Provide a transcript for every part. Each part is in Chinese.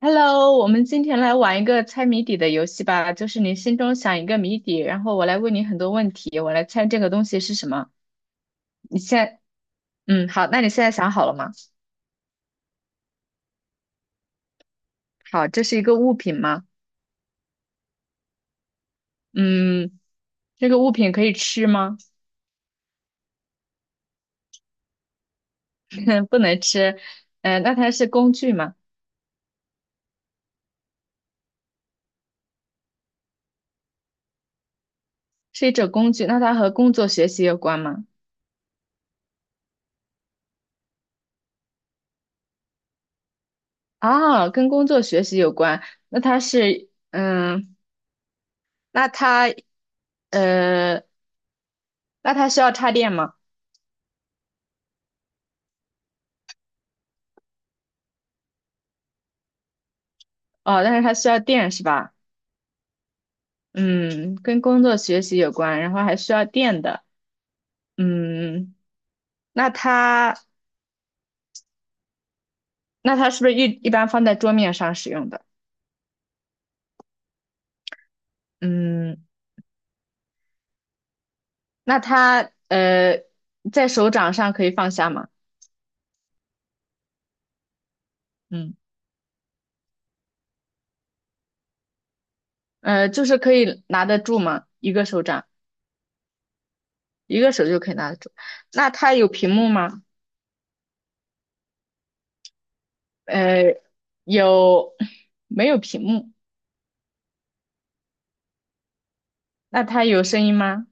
Hello，我们今天来玩一个猜谜底的游戏吧，就是你心中想一个谜底，然后我来问你很多问题，我来猜这个东西是什么。你现在，好，那你现在想好了吗？好，这是一个物品吗？嗯，这个物品可以吃吗？不能吃。那它是工具吗？是一种工具，那它和工作学习有关吗？啊，跟工作学习有关。那它是，嗯，那它，呃，那它需要插电吗？哦，但是它需要电是吧？嗯，跟工作学习有关，然后还需要电的。嗯，那它那它是不是一般放在桌面上使用的？嗯，那它呃在手掌上可以放下吗？嗯，就是可以拿得住吗？一个手掌，一个手就可以拿得住。那它有屏幕吗？呃，有，没有屏幕？那它有声音吗？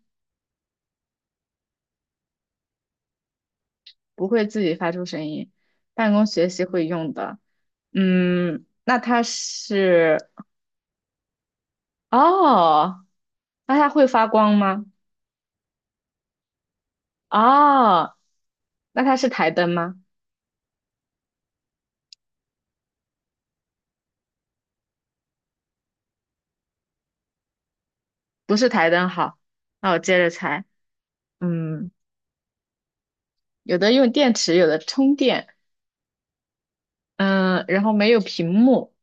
不会自己发出声音，办公学习会用的。嗯，那它是哦，那它会发光吗？哦，那它是台灯吗？不是台灯，好，那我接着猜。嗯，有的用电池，有的充电，嗯，然后没有屏幕，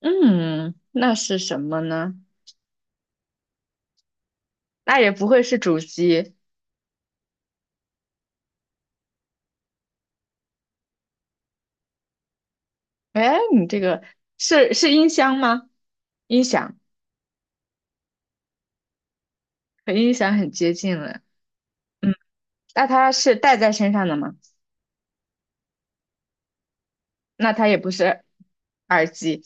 嗯，那是什么呢？那也不会是主机。哎，你这个是音箱吗？音响和音响很接近了。嗯，那它是戴在身上的吗？那它也不是耳机。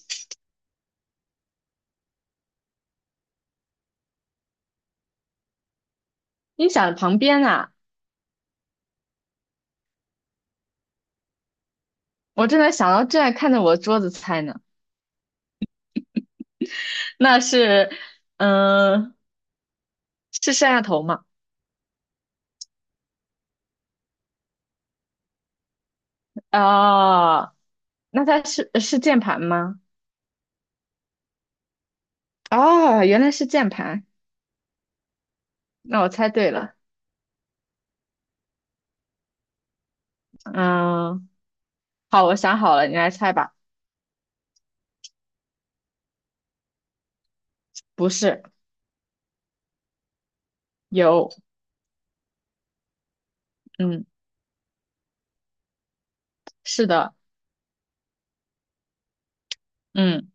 音响旁边啊，我正在想到，正在看着我的桌子猜呢。那是，嗯、是摄像头吗？哦，那它是键盘吗？哦，原来是键盘，那我猜对了。嗯，好，我想好了，你来猜吧。不是，有，嗯，是的，嗯，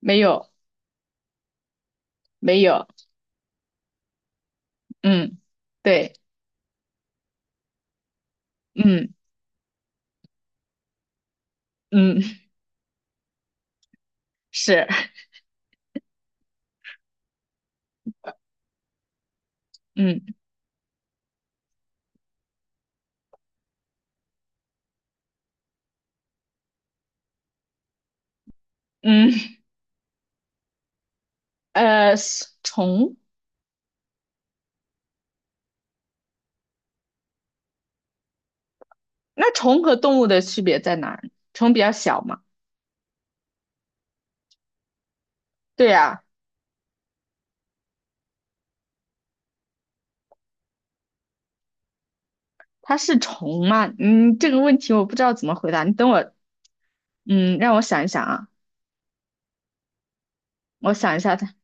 没有，没有，嗯，对，嗯，嗯，是，嗯，嗯，呃，虫，那虫和动物的区别在哪儿？虫比较小嘛。对呀，它是虫吗？嗯，这个问题我不知道怎么回答。你等我，嗯，让我想一想啊，我想一下它，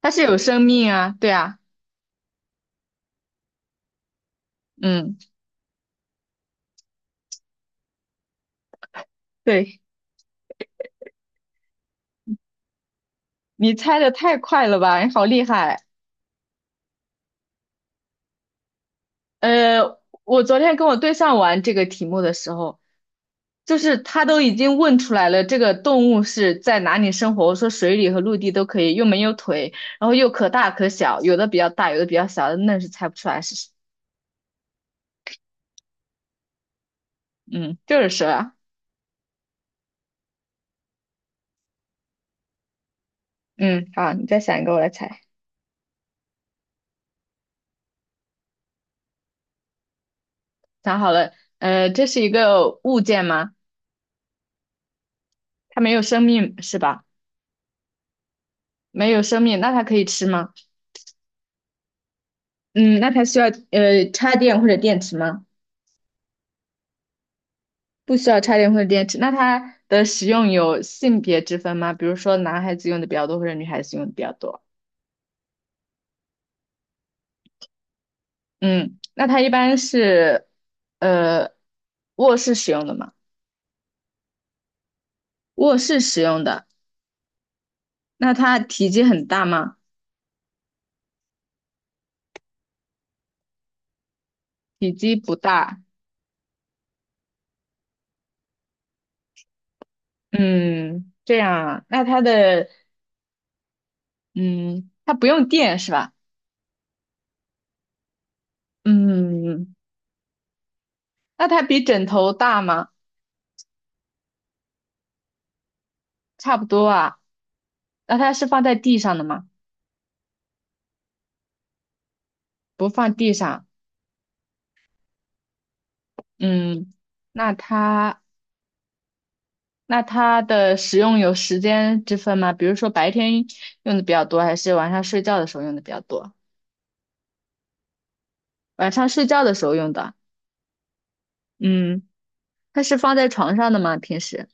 它是有生命啊，对啊，嗯，对，你猜的太快了吧，你好厉害。呃，我昨天跟我对象玩这个题目的时候，就是他都已经问出来了，这个动物是在哪里生活？我说水里和陆地都可以，又没有腿，然后又可大可小，有的比较大，有的比较小，那是猜不出来是，嗯，就是蛇啊。嗯，好，你再想一个，我来猜。想好了，呃，这是一个物件吗？它没有生命是吧？没有生命，那它可以吃吗？嗯，那它需要插电或者电池吗？不需要插电或者电池。那它的使用有性别之分吗？比如说男孩子用的比较多，或者女孩子用的比较多？嗯，那它一般是呃卧室使用的吗？卧室使用的。那它体积很大吗？体积不大。嗯，这样啊。那它的嗯，它不用电是吧？嗯，那它比枕头大吗？差不多啊。那它是放在地上的吗？不放地上。嗯，那它那它的使用有时间之分吗？比如说白天用的比较多，还是晚上睡觉的时候用的比较多？晚上睡觉的时候用的。嗯，它是放在床上的吗？平时？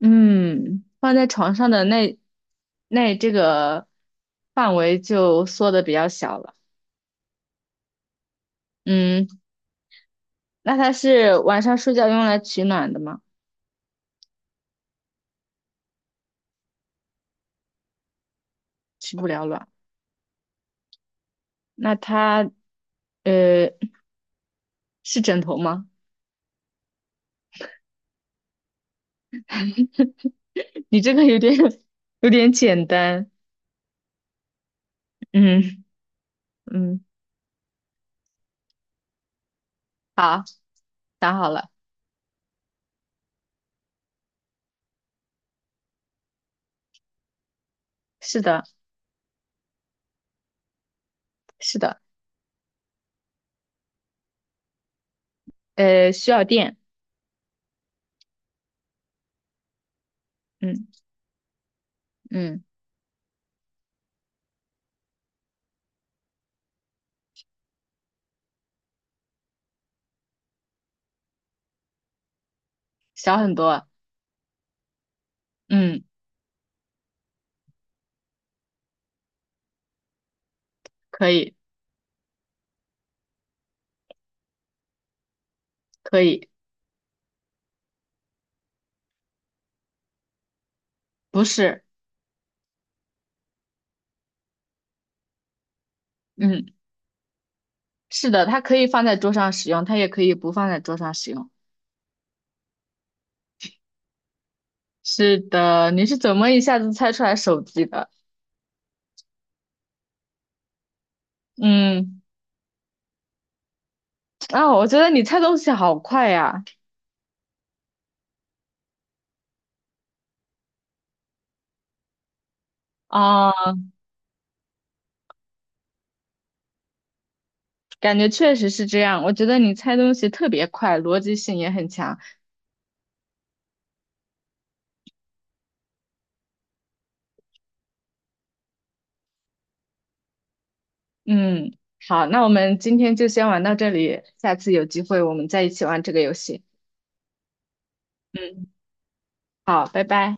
嗯，放在床上的那这个范围就缩的比较小了。嗯，那它是晚上睡觉用来取暖的吗？起不了卵。那它呃是枕头吗？你这个有点简单。嗯，嗯，好，想好了。是的，是的。呃，需要电。嗯，嗯，小很多。嗯，可以可以。不是，嗯，是的，它可以放在桌上使用，它也可以不放在桌上使用。是的，你是怎么一下子猜出来手机的？嗯，啊，我觉得你猜东西好快呀！啊、感觉确实是这样。我觉得你猜东西特别快，逻辑性也很强。嗯，好，那我们今天就先玩到这里，下次有机会我们再一起玩这个游戏。嗯，好，拜拜。